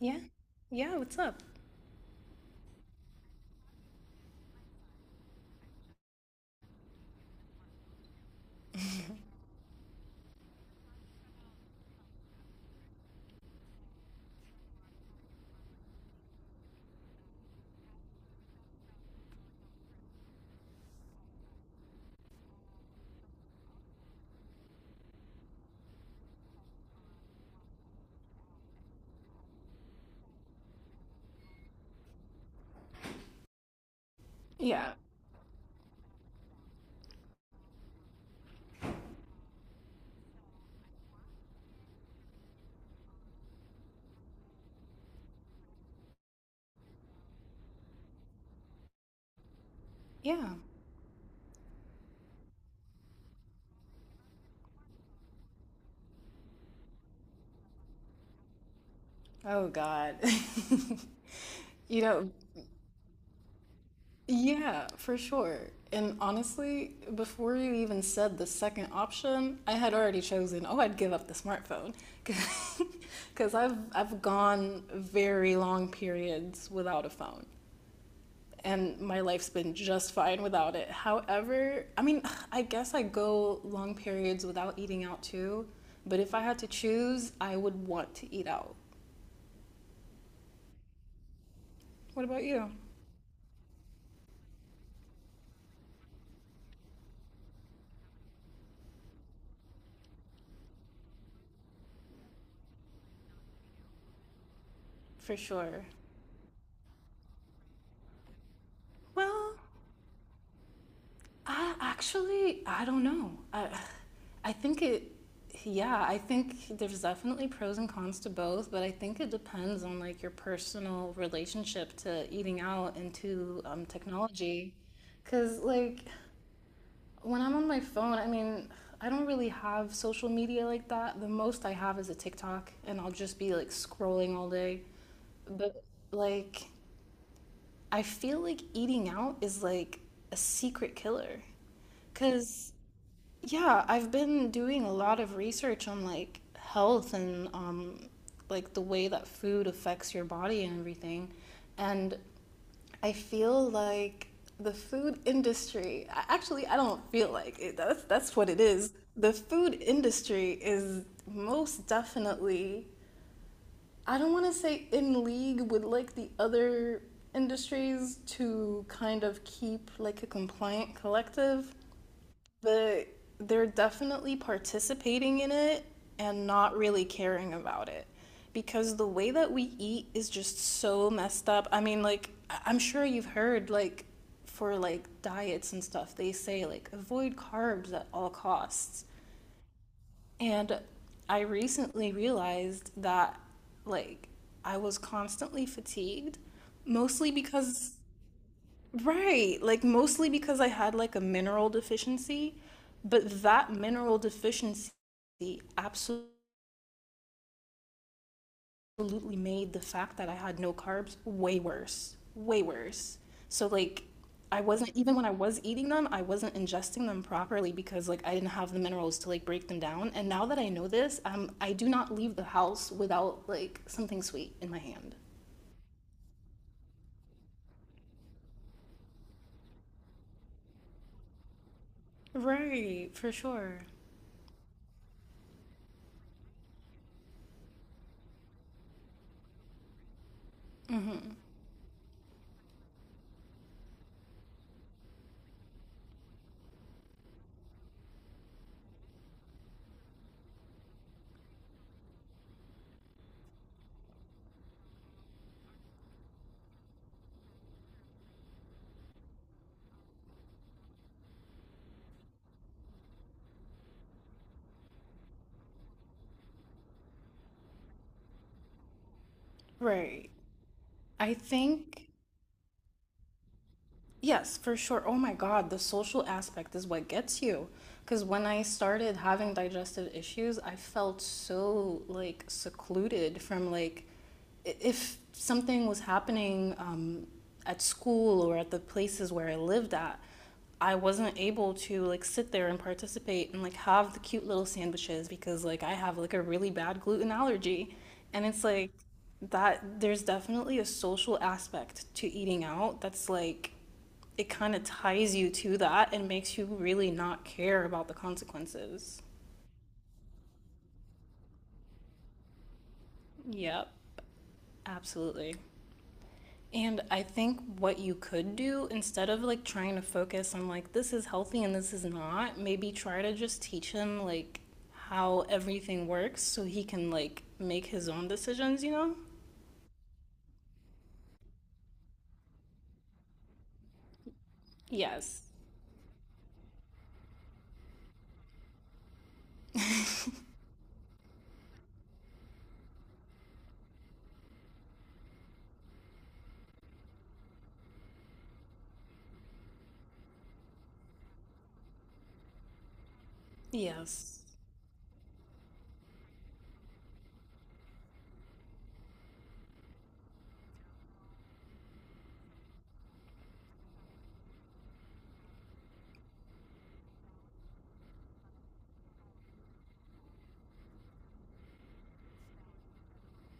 Yeah. Yeah, what's up? Yeah, yeah. Oh God. You know, yeah, for sure. And honestly, before you even said the second option, I had already chosen, oh, I'd give up the smartphone. Because I've gone very long periods without a phone, and my life's been just fine without it. However, I mean, I guess I go long periods without eating out too, but if I had to choose, I would want to eat out. What about you? For sure. Well, I actually I don't know. I think it yeah, I think there's definitely pros and cons to both, but I think it depends on like your personal relationship to eating out and to technology. Cause like when I'm on my phone, I mean, I don't really have social media like that. The most I have is a TikTok, and I'll just be like scrolling all day. But like I feel like eating out is like a secret killer. Because, yeah, I've been doing a lot of research on like health and like the way that food affects your body and everything. And I feel like the food industry, I- actually, I don't feel like it. That's what it is. The food industry is most definitely I don't want to say in league with like the other industries to kind of keep like a compliant collective, but they're definitely participating in it and not really caring about it because the way that we eat is just so messed up. I mean, like am sure you've heard like for like diets and stuff, they say like avoid carbs at all costs. And I recently realized that, like, I was constantly fatigued, mostly because, right, like, mostly because I had, like, a mineral deficiency. But that mineral deficiency absolutely absolutely made the fact that I had no carbs way worse, way worse. So like I wasn't even when I was eating them, I wasn't ingesting them properly because like I didn't have the minerals to like break them down. And now that I know this, I do not leave the house without like something sweet in my hand. Right, for sure. Mm-hmm. Right. I think Yes, for sure. Oh my God, the social aspect is what gets you. Because when I started having digestive issues, I felt so like secluded from if something was happening at school or at the places where I lived at, I wasn't able to like sit there and participate and like have the cute little sandwiches because like I have like a really bad gluten allergy. And it's like that there's definitely a social aspect to eating out that's like it kind of ties you to that and makes you really not care about the consequences. Yep, absolutely. And I think what you could do instead of like trying to focus on like this is healthy and this is not, maybe try to just teach him like how everything works so he can like make his own decisions, you know? Yes. Yes.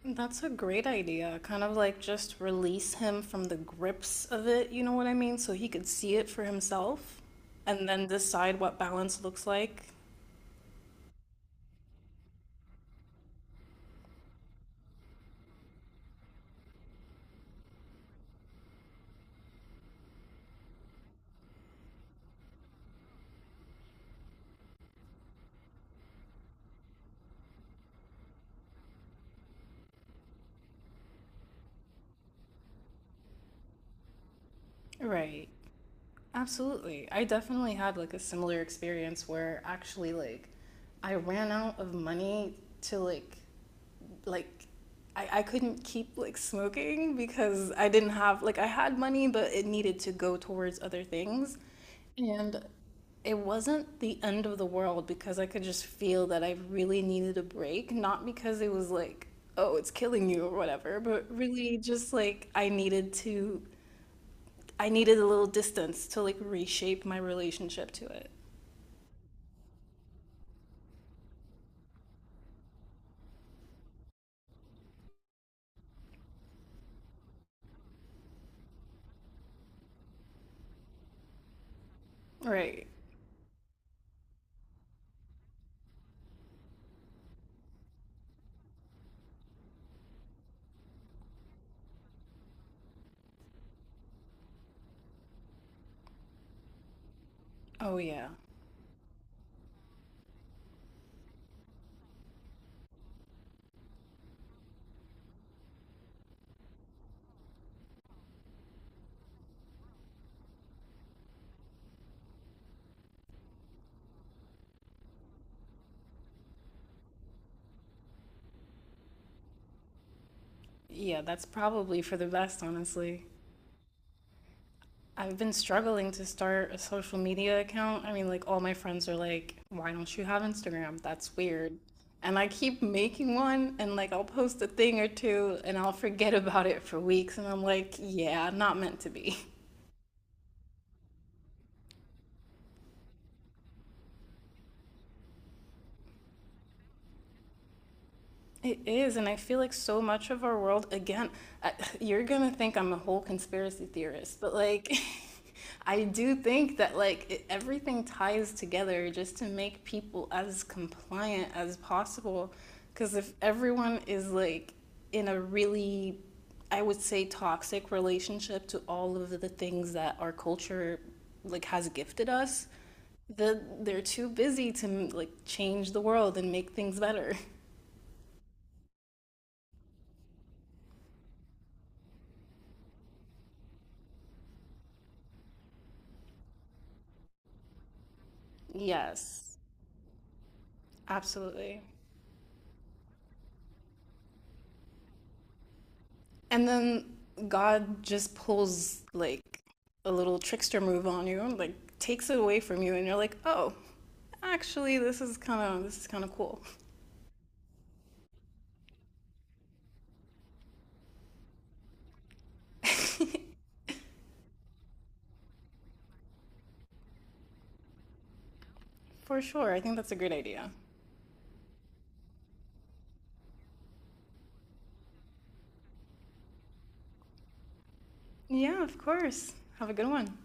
That's a great idea. Kind of like just release him from the grips of it, you know what I mean? So he could see it for himself and then decide what balance looks like. Right. Absolutely. I definitely had like a similar experience where actually like I ran out of money to like I couldn't keep like smoking because I didn't have like I had money, but it needed to go towards other things. And it wasn't the end of the world because I could just feel that I really needed a break, not because it was like, oh, it's killing you or whatever, but really just like I needed a little distance to like reshape my relationship to it. Right. Oh yeah. Yeah, that's probably for the best, honestly. I've been struggling to start a social media account. I mean, like, all my friends are like, why don't you have Instagram? That's weird. And I keep making one, and like, I'll post a thing or two, and I'll forget about it for weeks. And I'm like, yeah, not meant to be. It is, and I feel like so much of our world, again, I, you're gonna think I'm a whole conspiracy theorist, but like, I do think that everything ties together just to make people as compliant as possible. Because if everyone is like in a really, I would say, toxic relationship to all of the things that our culture like has gifted us, they're too busy to like change the world and make things better. Yes, absolutely. And then God just pulls like a little trickster move on you and like takes it away from you and you're like, "Oh, actually this is kind of cool." For sure. I think that's a great idea. Yeah, of course. Have a good one.